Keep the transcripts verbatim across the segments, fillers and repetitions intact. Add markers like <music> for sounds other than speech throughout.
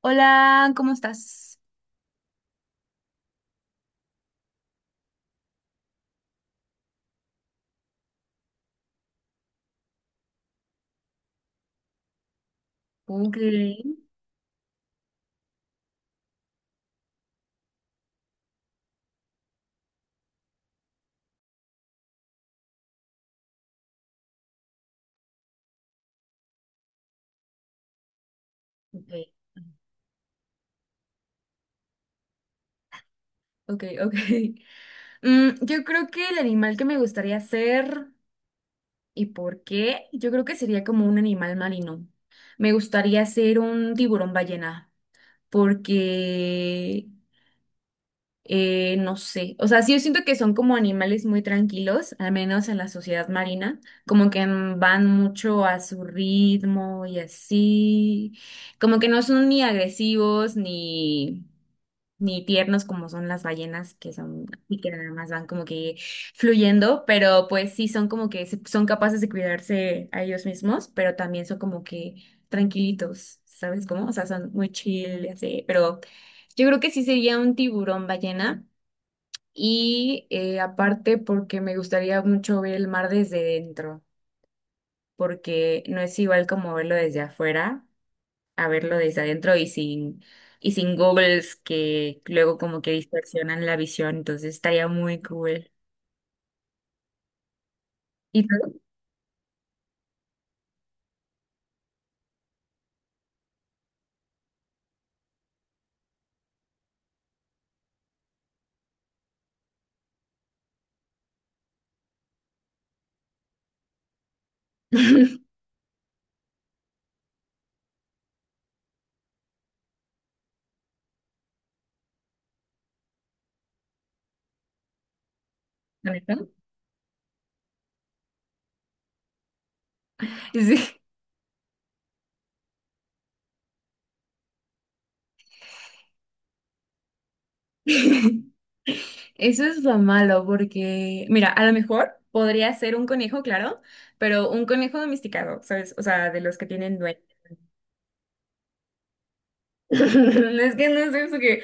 Hola, ¿cómo estás? Ok, ok. Ok, <laughs> ok. Mm, yo creo que el animal que me gustaría ser y por qué, yo creo que sería como un animal marino. Me gustaría ser un tiburón ballena porque, eh, no sé, o sea, sí, yo siento que son como animales muy tranquilos, al menos en la sociedad marina, como que mm, van mucho a su ritmo y así, como que no son ni agresivos ni... ni tiernos como son las ballenas, que son y que nada más van como que fluyendo, pero pues sí son como que se- son capaces de cuidarse a ellos mismos, pero también son como que tranquilitos, ¿sabes cómo? O sea, son muy chill, y así, pero yo creo que sí sería un tiburón ballena y eh, aparte porque me gustaría mucho ver el mar desde dentro, porque no es igual como verlo desde afuera a verlo desde adentro y sin, y sin googles que luego como que distorsionan la visión, entonces estaría muy cool. ¿Y tú? <laughs> ¿Con eso? Sí. <laughs> Eso es lo malo porque, mira, a lo mejor podría ser un conejo, claro, pero un conejo domesticado, ¿sabes? O sea, de los que tienen dueño. <laughs> Es que no sé, porque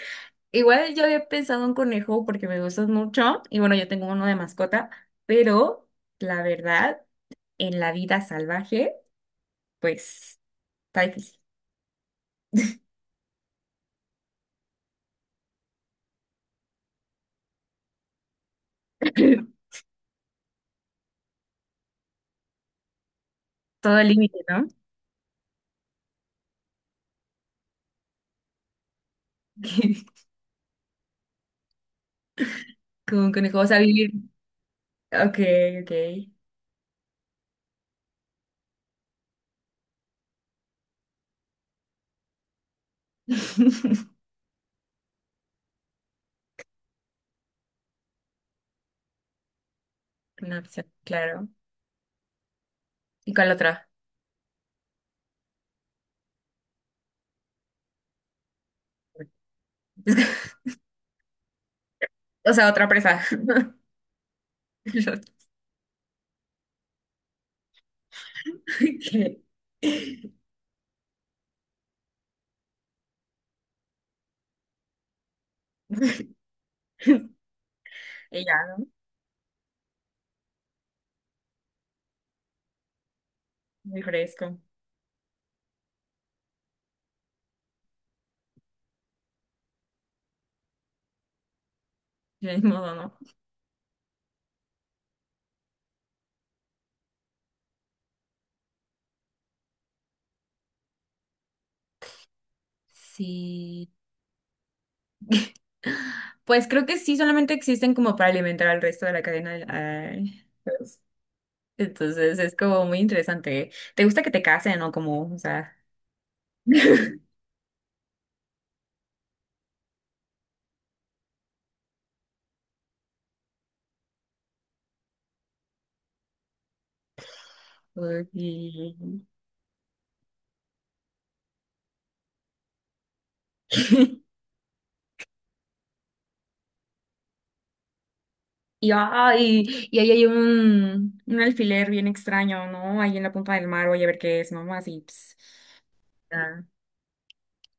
igual yo había pensado en conejo porque me gustan mucho y bueno, yo tengo uno de mascota, pero la verdad, en la vida salvaje, pues está difícil. <laughs> Todo el límite, ¿no? <laughs> Como un conejo, o sea, vivir. Ok, ok. <laughs> Una opción, claro. ¿Y cuál otra? <laughs> O sea, otra presa. <laughs> Ok. <laughs> Y ya, ¿no? Muy fresco. De modo, ¿no? Sí. Pues creo que sí, solamente existen como para alimentar al resto de la cadena. Del- ay, pues, entonces es como muy interesante. ¿Eh? ¿Te gusta que te casen o como, o sea? <laughs> Ujú. <laughs> Y, ay, y ahí hay un, un alfiler bien extraño, ¿no? Ahí en la punta del mar, voy a ver qué es, ¿no? Así, ps, ah.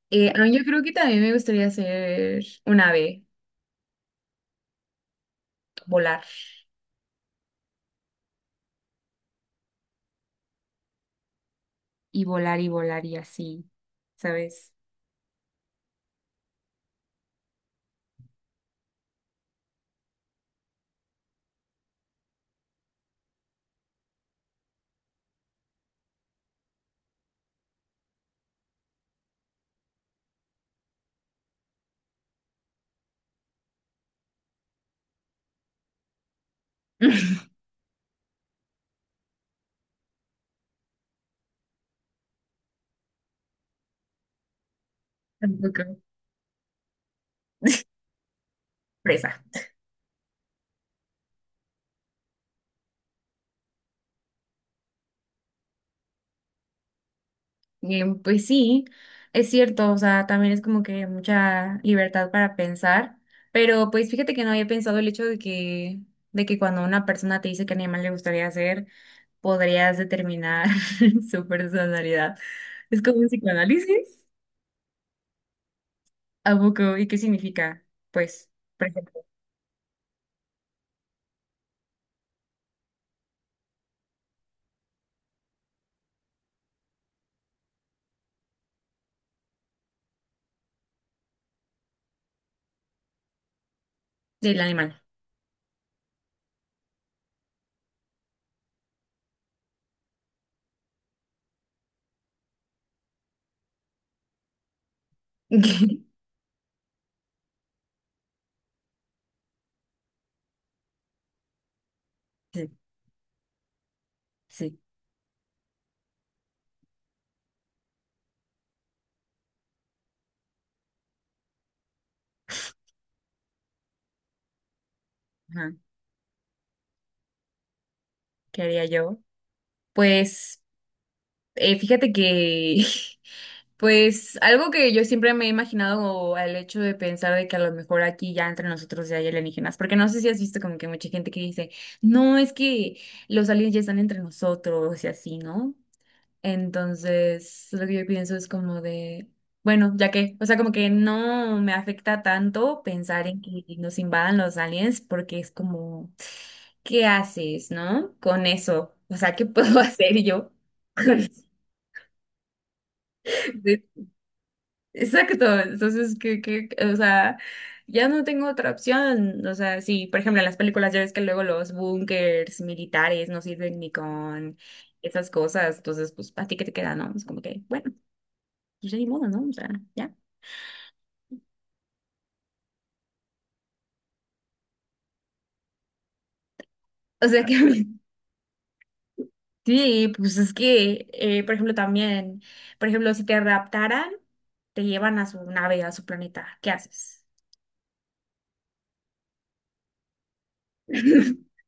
Eh, a yo creo que también me gustaría ser un ave, volar, y volar y volar y así, ¿sabes? <laughs> Tampoco. Presa. Em, pues sí, es cierto, o sea, también es como que mucha libertad para pensar, pero pues fíjate que no había pensado el hecho de que, de que cuando una persona te dice qué animal le gustaría hacer, podrías determinar <laughs> su personalidad. Es como un psicoanálisis. ¿A poco? ¿Y qué significa? Pues, por ejemplo, el animal. <laughs> Sí, sí. Ajá. ¿Qué haría yo? Pues, eh, fíjate que <laughs> pues algo que yo siempre me he imaginado al hecho de pensar de que a lo mejor aquí ya entre nosotros ya hay alienígenas, porque no sé si has visto como que mucha gente que dice, no, es que los aliens ya están entre nosotros y así, ¿no? Entonces, lo que yo pienso es como de, bueno, ya que, o sea, como que no me afecta tanto pensar en que nos invadan los aliens, porque es como, ¿qué haces, no? Con eso, o sea, ¿qué puedo <laughs> hacer yo? <laughs> Exacto, entonces, que, que, o sea, ya no tengo otra opción, o sea, sí, por ejemplo, en las películas ya ves que luego los búnkers militares no sirven ni con esas cosas, entonces, pues, a ti qué te queda, ¿no? Es como que, bueno, pues ya ni modo, ¿no? O sea, ya. O sea que, <laughs> sí, pues es que, eh, por ejemplo, también, por ejemplo, si te raptaran, te llevan a su nave, a su planeta, ¿qué haces? <laughs>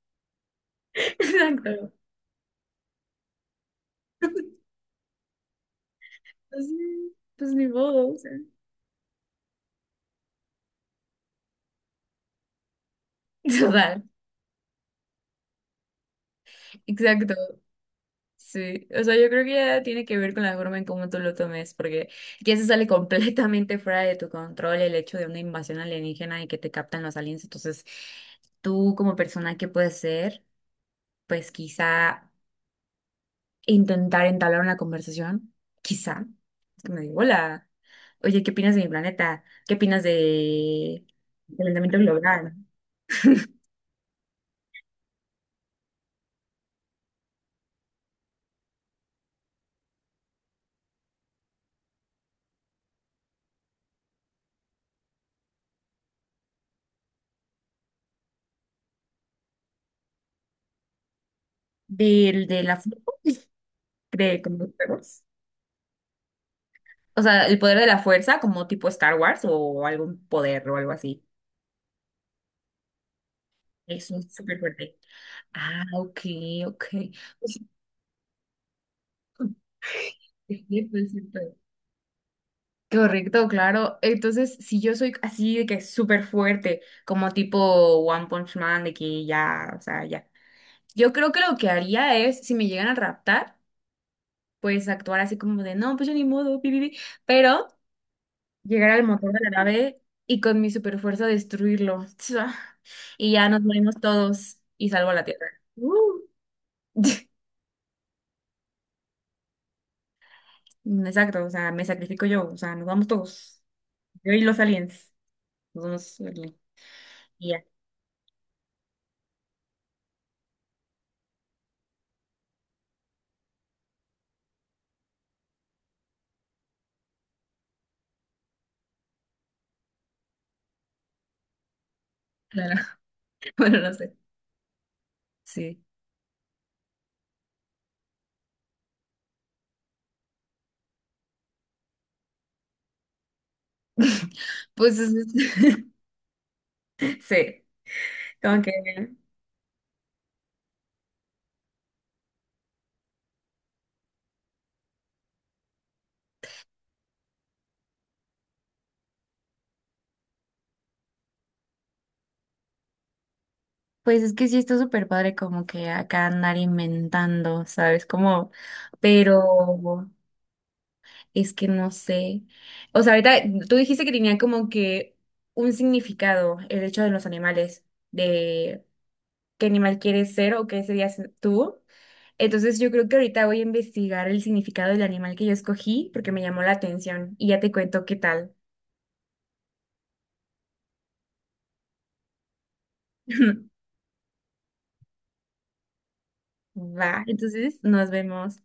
Exacto, pues, sí, pues ni modo, o sea. <laughs> Total, exacto. Sí, o sea, yo creo que ya tiene que ver con la forma en cómo tú lo tomes, porque ya se sale <laughs> completamente fuera de tu control el hecho de una invasión alienígena y que te captan los aliens. Entonces, tú como persona, ¿qué puedes hacer? Pues quizá intentar entablar una conversación, quizá. Es que me digo, hola, oye, ¿qué opinas de mi planeta? ¿Qué opinas de del calentamiento global? ¿Del de la <laughs> de cómo estamos? O sea, el poder de la fuerza, como tipo Star Wars o algún poder o algo así. Eso es súper fuerte. Ah, ok, ok. Pues, es cierto, es cierto. Correcto, claro. Entonces, si yo soy así de que súper fuerte, como tipo One Punch Man, de que ya, o sea, ya. Yo creo que lo que haría es, si me llegan a raptar, pues actuar así como de, no, pues yo ni modo, pi, pi, pi, pero llegar al motor de la nave y con mi super fuerza destruirlo. <laughs> Y ya nos morimos todos y salvo a la tierra. Uh. <laughs> Exacto, o sea, me sacrifico yo, o sea, nos vamos todos. Yo y los aliens. Nos vamos el- y ya, claro. <laughs> Bueno, no sé. Sí. <laughs> Pues es- <laughs> sí, como que pues es que sí está súper padre como que acá andar inventando, ¿sabes? Como, pero es que no sé. O sea, ahorita tú dijiste que tenía como que un significado el hecho de los animales, de qué animal quieres ser o qué serías tú. Entonces yo creo que ahorita voy a investigar el significado del animal que yo escogí porque me llamó la atención y ya te cuento qué tal. <laughs> Va, entonces nos vemos.